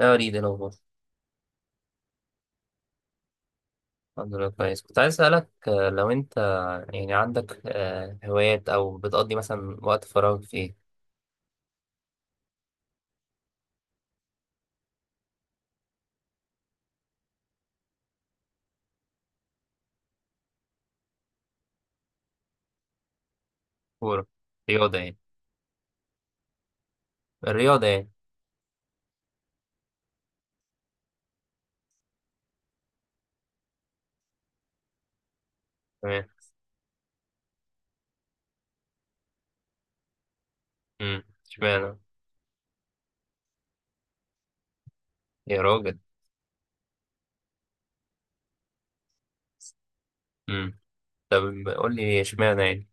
لا أريد الأخبار. الحمد لله، كويس. كنت عايز أسألك لو أنت يعني عندك هوايات، أو بتقضي مثلا وقت فراغ في إيه؟ كورة؟ رياضة يعني؟ الرياضة يعني. تمام. اشمعنى؟ يا راجل. أمم، طب قول لي اشمعنى يعني.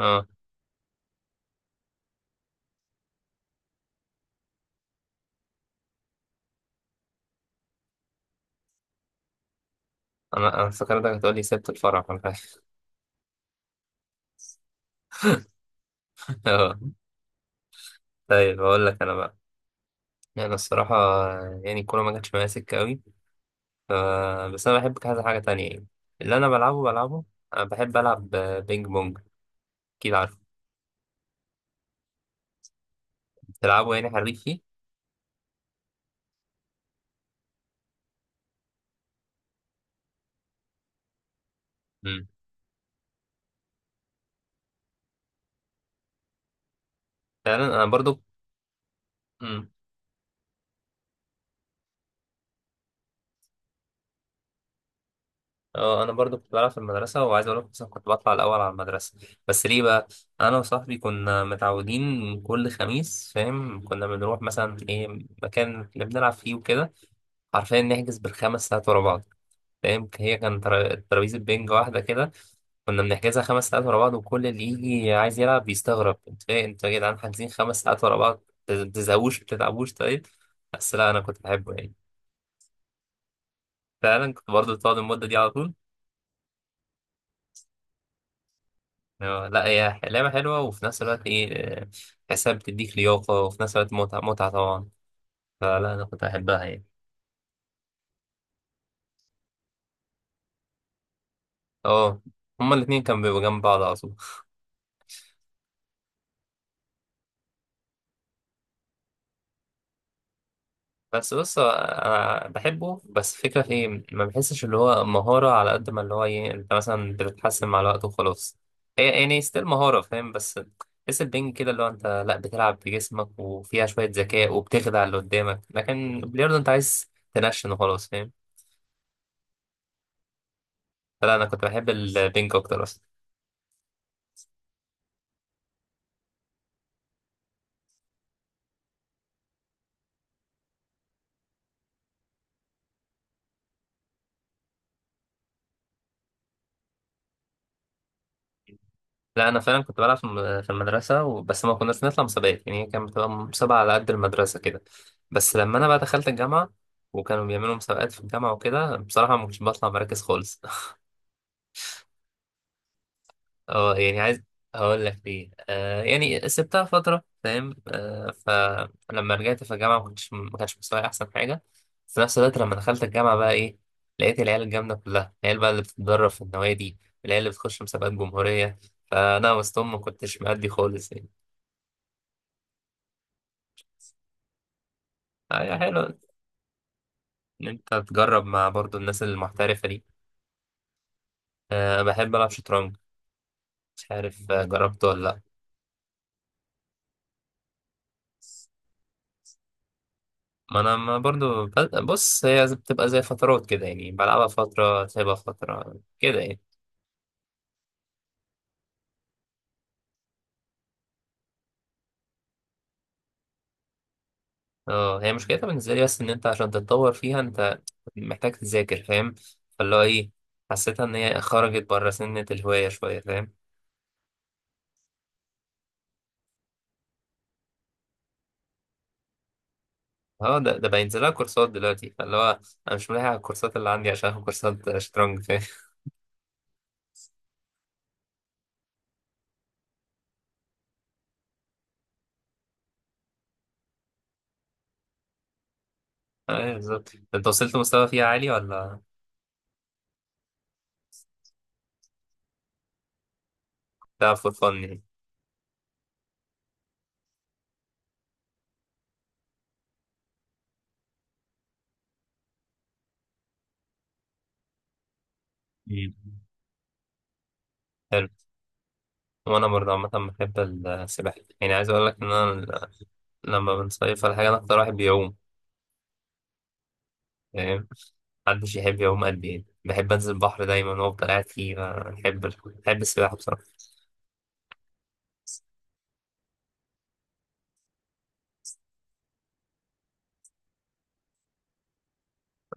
أه. أنا افتكرتك هتقول لي سبت الفرح ولا حاجة. أه. طيب أقول لك أنا بقى. أنا الصراحة يعني الكورة ما جاتش معايا سكة أوي. ف- بس أنا بحب كذا حاجة تانية يعني، اللي أنا بلعبه بلعبه. أنا بحب ألعب بينج بونج. أكيد. تلعبوا يعني حريف فيه؟ امم. فعلا، انا برضو. امم. اه، انا برضو كنت بلعب في المدرسه، وعايز اقول لك مثلا كنت بطلع الاول على المدرسه. بس ليه بقى؟ انا وصاحبي كنا متعودين كل خميس، فاهم، كنا بنروح مثلا ايه، مكان اللي بنلعب فيه وكده. حرفيا نحجز بال5 ساعات ورا بعض، فاهم. هي كان ترابيزه بينج واحده كده. كنا بنحجزها 5 ساعات ورا بعض، وكل اللي يجي عايز يلعب بيستغرب: انت ايه؟ انتوا يا جدعان حاجزين 5 ساعات ورا بعض؟ ما بتزهقوش؟ ما بتتعبوش؟ طيب. بس لا، انا كنت بحبه يعني. فعلا كنت برضه بتقعد المدة دي على طول. لا، هي لعبة حلوة، وفي نفس الوقت ايه، آه، تحسها بتديك لياقة، وفي نفس الوقت متعة، متعة طبعا. فلا أنا كنت بحبها يعني. اه، هما الاتنين كانوا بيبقوا جنب بعض على طول. بس بص أنا بحبه بس فكرة في ايه، ما بحسش اللي هو مهارة على قد ما اللي هو ايه، أنت مثلا بتتحسن مع الوقت وخلاص. هي يعني ستيل مهارة فاهم. بس تحس البنج كده، اللي هو أنت لا بتلعب بجسمك وفيها شوية ذكاء وبتخدع اللي قدامك. لكن البلياردو أنت عايز تنشن وخلاص، فاهم. لا انا كنت بحب البينج اكتر اصلا. لا انا فعلا كنت بلعب في في المدرسه، بس ما كناش نطلع مسابقات يعني. هي كانت بتبقى مسابقه على قد المدرسه كده. بس لما انا بقى دخلت الجامعه، وكانوا بيعملوا مسابقات في الجامعه وكده، بصراحه ما كنتش بطلع مراكز خالص. اه يعني عايز هقول لك ليه. آه يعني سبتها فترة، فاهم. آه. فلما رجعت في الجامعة ما كنتش، ما كانش مستواي أحسن حاجة. في نفس الوقت لما دخلت الجامعة بقى إيه، لقيت العيال الجامدة كلها، العيال بقى اللي بتتدرب في النوادي، العيال اللي بتخش مسابقات جمهورية. فأنا وسطهم ما كنتش مأدي خالص يعني. هي حلوة. إن أنت تجرب مع برضو الناس المحترفة دي. آه، بحب ألعب شطرنج. مش عارف جربته ولا لأ. ما انا، ما برضو بص، هي بتبقى زي فترات كده يعني، بلعبها فترة سايبها فترة كده يعني. اه هي مشكلتها بالنسبة لي بس ان انت عشان تتطور فيها انت محتاج تذاكر، فاهم. فاللي هو ايه، حسيتها ان هي خرجت بره سنة الهواية شوية، فاهم. اه ده بينزل لها كورسات دلوقتي، فاللي هو انا مش ملاحق على الكورسات اللي عندي عشان آخد كورسات شطرنج، فاهم. ايوه بالظبط. انت وصلت مستوى فيها عالي، ولا بتلعب فور فن يعني؟ مم. حلو. وانا برضه عامة بحب السباحة. يعني عايز اقول لك ان انا لما بنصيف ولا حاجة، أنا أكتر واحد بيعوم، فاهم. محدش يحب يعوم قد يعني. بحب أنزل البحر دايما وأفضل قاعد فيه، ما بحب، بحب السباحة بصراحة.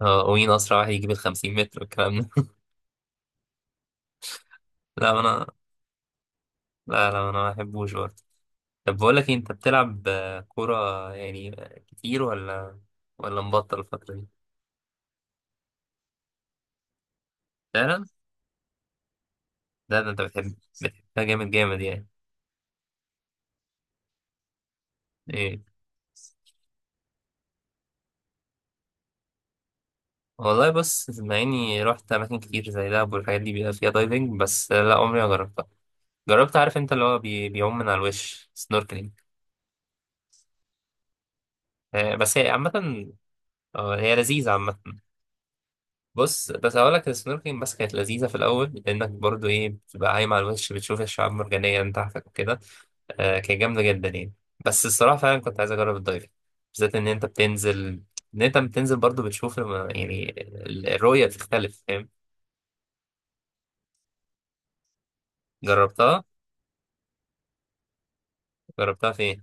ومين أسرع واحد يجيب ال50 متر والكلام ده. لا أنا. لا لا، أنا ما بحبوش برضه. طب بقول لك إيه، أنت بتلعب كورة يعني كتير، ولا ولا مبطل الفترة دي؟ فعلا. لا، ده أنت بتحب. بتحبها جامد، جامد يعني. إيه. والله بص، مع إني رحت أماكن كتير زي دهب والحاجات دي بيبقى فيها دايفنج، بس لا، عمري ما جربتها. جربت، عارف انت اللي هو بيعوم من على الوش، سنوركلينج. آه بس هي عامة. اه هي لذيذة عامة. بص، بس هقول لك، السنوركلينج بس كانت لذيذة في الأول لأنك برضو إيه، بتبقى عايم على الوش بتشوف الشعاب المرجانية من تحتك وكده. آه كانت جامدة جدا يعني. بس الصراحة فعلا كنت عايز أجرب الدايفنج، بالذات إن أنت بتنزل، إن أنت بتنزل برضو بتشوف يعني الرؤية بتختلف، فاهم. جربتها؟ جربتها فين؟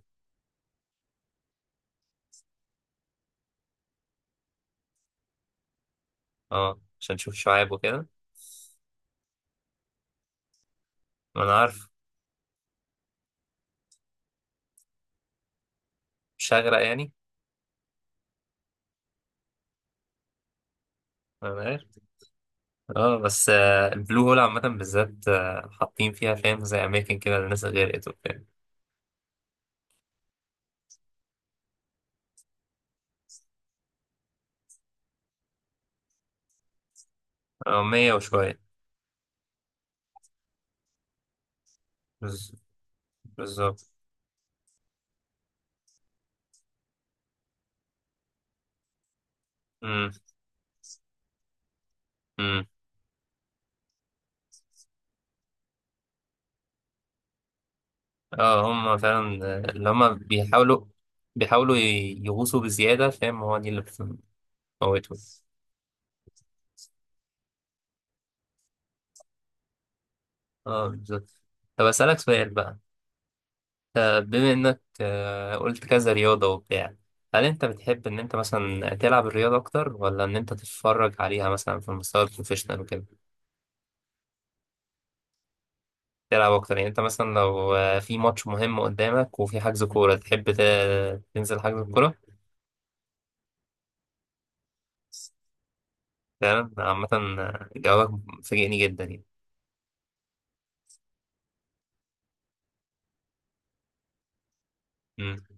اه عشان تشوف الشعاب وكده. ما أنا عارف. مش هغرق يعني؟ ما أنا عارف. اه بس البلو هول عامة بالذات حاطين فيها فاهم زي أماكن كده الناس غرقت وبتاع. اه 100 وشوية. بز- بالظبط. أمم، أمم. اه هم فعلا اللي هم بيحاولوا، بيحاولوا يغوصوا بزيادة، فاهم. هو دي اللي بتموتهم. اه بالظبط. طب أسألك سؤال بقى. بما إنك قلت كذا رياضة وبتاع، هل أنت بتحب إن أنت مثلا تلعب الرياضة أكتر، ولا إن أنت تتفرج عليها مثلا في المستوى البروفيشنال وكده؟ تلعب اكتر يعني. انت مثلا لو في ماتش مهم قدامك، وفي حجز كوره، تحب تنزل حجز الكوره؟ فعلا. عامه جوابك فاجئني جدا يعني. امم.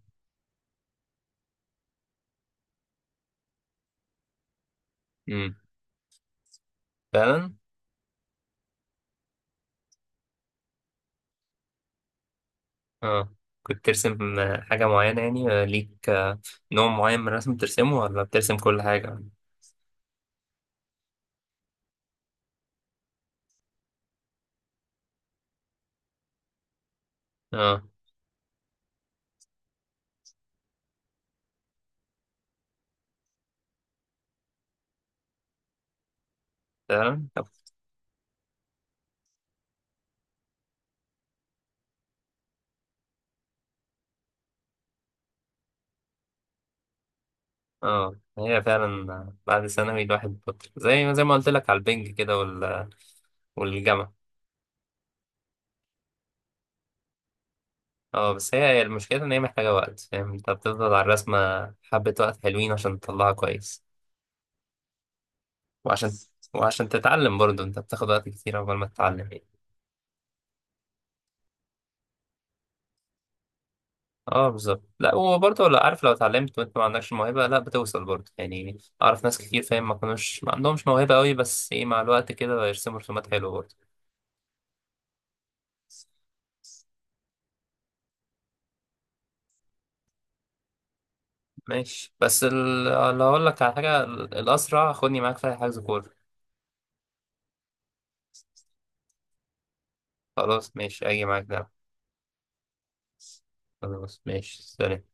امم. فعلا. اه كنت ترسم حاجه معينه يعني ليك نوع معين من الرسم بترسمه، ولا بترسم كل حاجه؟ اه فعلا. طب. اه هي فعلا بعد ثانوي الواحد بطل، زي ما قلت لك على البنج كده، والجامعه. اه بس هي المشكلة ان هي محتاجة وقت، فاهم، انت بتفضل على الرسمة حبة وقت حلوين عشان تطلعها كويس، وعشان وعشان تتعلم برضه انت بتاخد وقت كتير عقبال ما تتعلم يعني. اه بالظبط. لا، وبرضه لا عارف، لو اتعلمت وانت ما عندكش موهبة لا بتوصل برضه يعني. اعرف ناس كتير، فاهم، ما كانوش، ما عندهمش موهبة قوي، بس ايه مع الوقت كده يرسموا رسومات حلوة برضه. ماشي بس اللي هقول لك على حاجة، الأسرع خدني معاك في حجز كورة. خلاص ماشي، أجي معاك. نعم. خلاص ماشي، سلام.